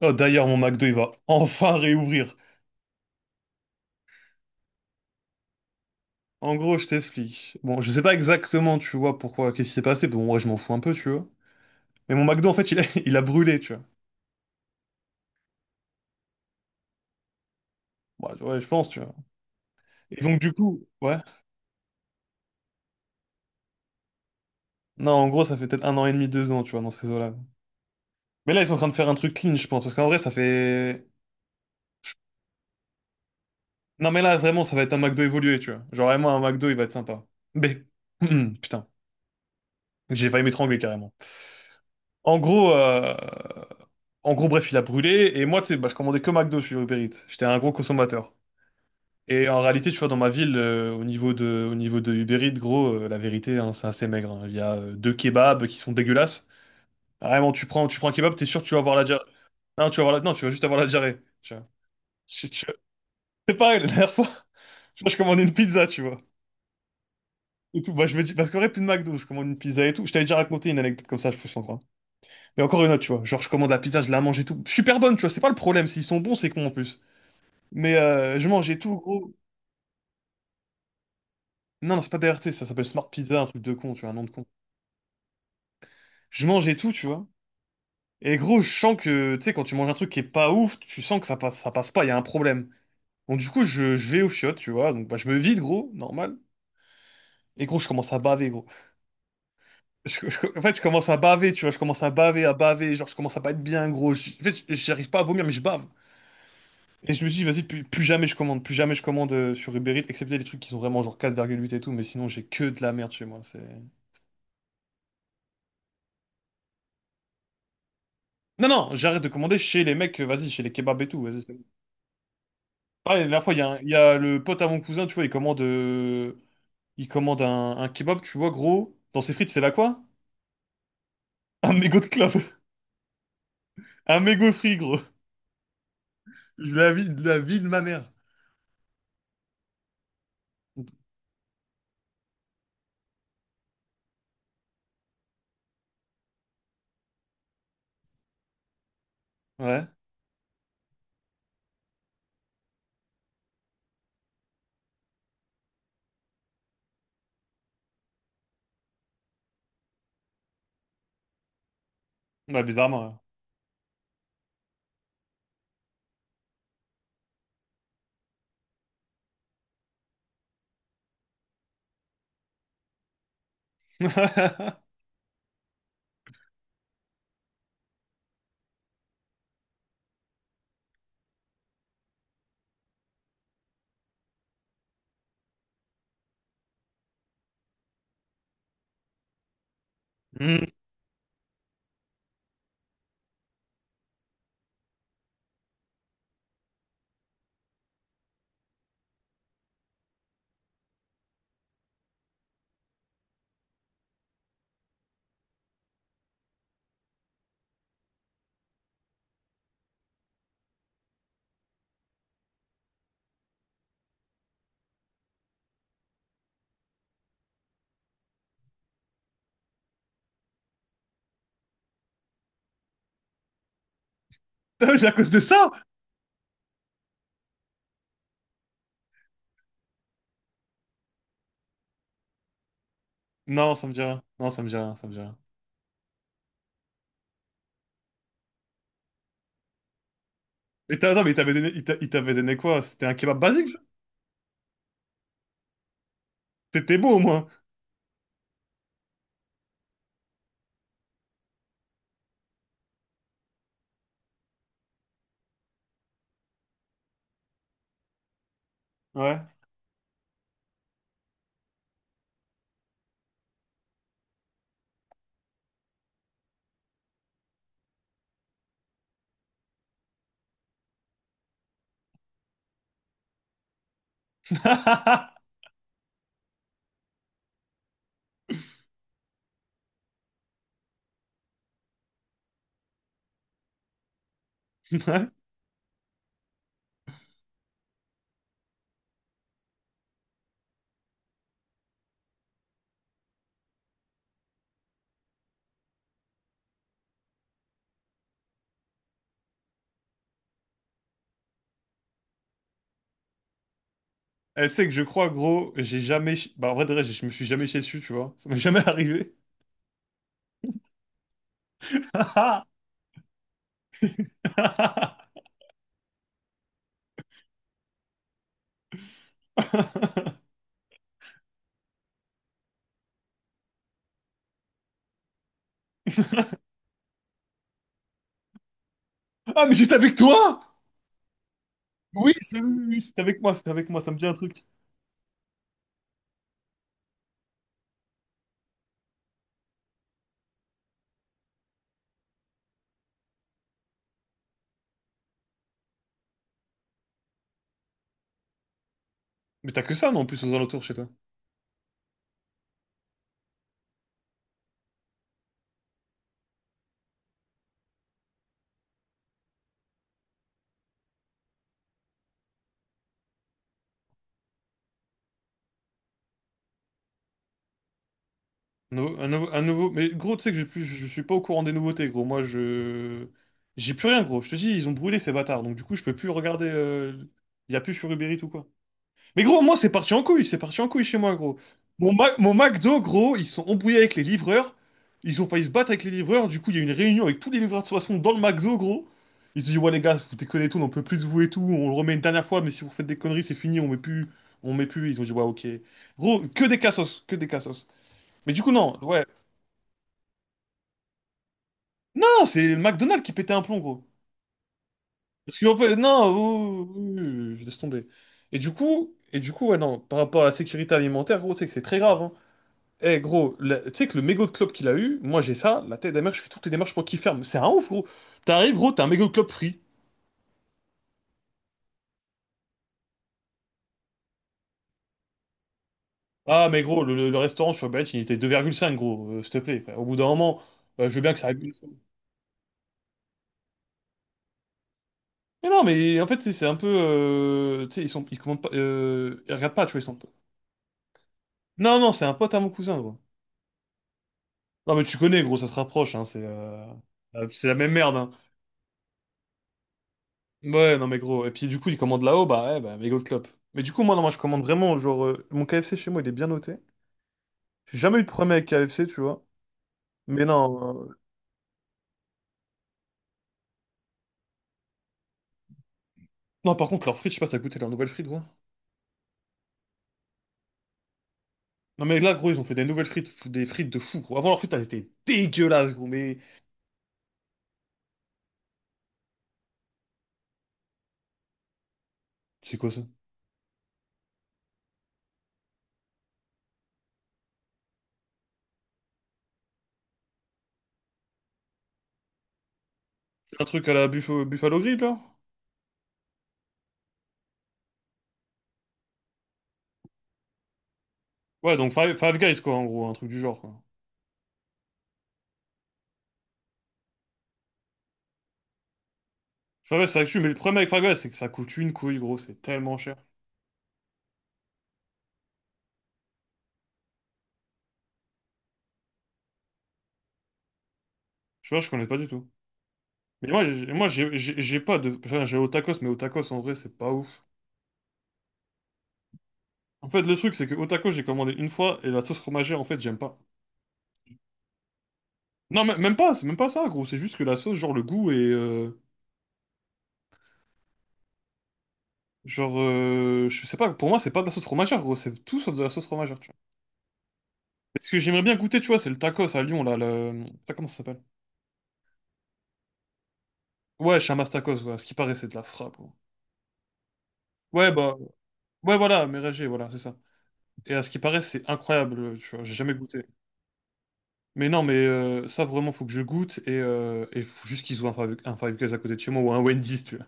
Oh, d'ailleurs, mon McDo, il va enfin réouvrir. En gros, je t'explique. Bon, je sais pas exactement, tu vois, pourquoi, qu'est-ce qui s'est passé. Bon, moi, je m'en fous un peu, tu vois. Mais mon McDo, en fait, il a, il a brûlé, tu vois. Bah, ouais, tu vois, je pense, tu vois. Et donc, du coup, ouais. Non, en gros, ça fait peut-être 1 an et demi, 2 ans, tu vois, dans ces eaux-là. Mais là, ils sont en train de faire un truc clean, je pense. Parce qu'en vrai, ça fait. Non, mais là, vraiment, ça va être un McDo évolué, tu vois. Genre, vraiment, un McDo, il va être sympa. Mais, putain, j'ai failli m'étrangler carrément. En gros, euh, En gros, bref, il a brûlé. Et moi, tu sais, bah, je commandais que McDo sur Uber Eats. J'étais un gros consommateur. Et en réalité, tu vois, dans ma ville, au niveau de Uber Eats, gros, la vérité, hein, c'est assez maigre. Hein. Il y a deux kebabs qui sont dégueulasses. Vraiment, tu prends un kebab, t'es sûr que tu vas avoir la diarrhée. Non, tu vas avoir la... non, tu vas juste avoir la diarrhée. Tu vois. Je- je- C'est pareil, la dernière fois, tu vois, je commandais une pizza, tu vois. Et tout. Bah, je me dis, parce qu'en vrai, plus de McDo, je commande une pizza et tout. Je t'avais déjà raconté une anecdote comme ça, je peux s'en croire. Mais encore une autre, tu vois. Genre, je commande la pizza, je la mange et tout. Super bonne, tu vois. C'est pas le problème. S'ils sont bons, c'est con en plus. Mais je mangeais tout, gros. Non, non, c'est pas DRT, ça s'appelle Smart Pizza, un truc de con, tu vois, un nom de con. Je mangeais tout, tu vois. Et gros, je sens que, tu sais, quand tu manges un truc qui est pas ouf, tu sens que ça passe pas, il y a un problème. Donc du coup, je vais aux chiottes, tu vois. Donc bah, je me vide, gros, normal. Et gros, je commence à baver, gros. En fait, je commence à baver, tu vois. Je commence à baver, à baver. Genre, je commence à pas être bien, gros. En fait, j'arrive pas à vomir, mais je bave. Et je me suis dit, vas-y, plus jamais je commande. Plus jamais je commande sur Uber Eats, excepté les trucs qui sont vraiment genre 4,8 et tout. Mais sinon, j'ai que de la merde chez moi. C'est... Non, non, j'arrête de commander chez les mecs, vas-y, chez les kebabs et tout, vas-y, c'est bon. Pareil, la dernière fois, il y a le pote à mon cousin, tu vois, il commande un kebab, tu vois, gros, dans ses frites, c'est là quoi? Un mégot de clope. Un mégot de frit, gros. Je la vie de ma mère. Ouais, ouais, bizarrement. Ouais. Hmm. Putain, c'est à cause de ça? Non, ça me dit rien. Non, ça me dit rien, ça me dit rien. Mais attends, mais il t'avait donné quoi? C'était un kebab basique? Genre. C'était beau au moins. Ouais. Elle sait que je crois, gros, j'ai jamais... Bah, en vrai, de vrai, je me suis jamais chié dessus, tu vois. Ça m'est jamais arrivé. Ah, mais j'étais avec toi! Oui, oui, oui, c'était avec moi, c'est avec moi, ça me dit un truc. Mais t'as que ça, non, en plus, aux alentours chez toi. Mais gros, tu sais que je suis pas au courant des nouveautés, gros. Moi, je... J'ai plus rien, gros. Je te dis, ils ont brûlé ces bâtards. Donc, du coup, je peux plus regarder. Il y a plus sur Uber Eats ou quoi. Mais gros, moi, c'est parti en couille, c'est parti en couille chez moi, gros. Mon McDo, gros, ils sont embrouillés avec les livreurs. Ils ont failli se battre avec les livreurs. Du coup, il y a eu une réunion avec tous les livreurs de façon dans le McDo, gros. Ils se disent, ouais, les gars, vous déconnez tout, on n'en peut plus de vous et tout. On le remet une dernière fois, mais si vous faites des conneries, c'est fini, on met plus. On met plus. Ils ont dit, ouais, ok. Gros, que des cassos, que des cassos. Mais du coup, non, ouais. Non, c'est le McDonald's qui pétait un plomb, gros. Parce que, en fait, non, oh, oh, oh, je laisse tomber. Et du coup, ouais, non, par rapport à la sécurité alimentaire, gros, tu sais que c'est très grave, hein. Eh gros, tu sais que le mégot de clope qu'il a eu, moi j'ai ça, la tête d'amère, je fais toutes les démarches pour qu'il ferme. C'est un ouf gros. T'arrives gros, t'as un mégot de clope free. Ah mais gros, le restaurant sur Uber Eats, il était 2,5 gros, s'il te plaît frère. Au bout d'un moment, je veux bien que ça arrive une fois. Mais non mais en fait c'est un peu... tu sais, ils commandent pas... ils regardent pas, tu vois, ils sont... Non non, c'est un pote à mon cousin gros. Non mais tu connais gros, ça se rapproche, hein, c'est... c'est la même merde hein. Ouais non mais gros, et puis du coup il commande là-haut, bah ouais, bah mégot de clope. Mais du coup moi non, moi je commande vraiment, genre, mon KFC chez moi il est bien noté. J'ai jamais eu de problème avec KFC, tu vois. Mais non. Non, par contre, leurs frites, je sais pas si t'as goûté leurs nouvelles frites, gros. Non, mais là, gros, ils ont fait des nouvelles des frites de fou, gros. Avant, leurs frites, elles étaient dégueulasses, gros, mais... C'est quoi ça? C'est un truc à la Buffalo, Buffalo Grill, là? Ouais, donc Five Guys, quoi, en gros, un truc du genre, quoi. Five Guys, ça tue, mais le problème avec Five Guys, c'est que ça coûte une couille, gros, c'est tellement cher. Je vois, je connais pas du tout. Mais moi, j'ai pas de... Enfin, j'ai au tacos, mais au tacos, en vrai, c'est pas ouf. En fait, le truc, c'est que au tacos, j'ai commandé une fois, et la sauce fromagère, en fait, j'aime pas. Non, même pas, c'est même pas ça, gros. C'est juste que la sauce, genre le goût est. Genre, je sais pas, pour moi, c'est pas de la sauce fromagère, gros. C'est tout sauf de la sauce fromagère, tu vois. Et ce que j'aimerais bien goûter, tu vois, c'est le tacos à Lyon, là. Ça, comment ça s'appelle? Ouais, Chamas tacos, ouais. À ce qui paraît, c'est de la frappe, gros. Ouais, bah. Ouais, voilà, Mérégée, voilà, c'est ça. Et à ce qui paraît, c'est incroyable, tu vois. J'ai jamais goûté. Mais non, mais ça, vraiment, faut que je goûte. Et faut juste qu'ils ouvrent un Five Guys à côté de chez moi ou un Wendy's, tu vois.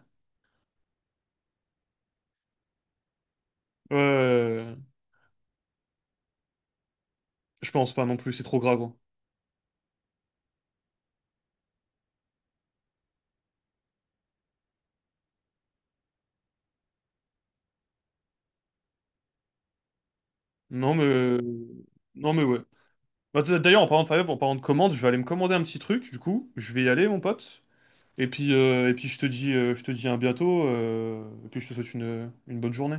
Ouais, ouais, ouais, ouais. Je pense pas non plus, c'est trop gras, gros. Non, mais. Non mais ouais. Bah, d'ailleurs, en parlant de Five, en parlant de commande, je vais aller me commander un petit truc, du coup, je vais y aller, mon pote. Et puis je te dis à bientôt, et puis je te souhaite une bonne journée.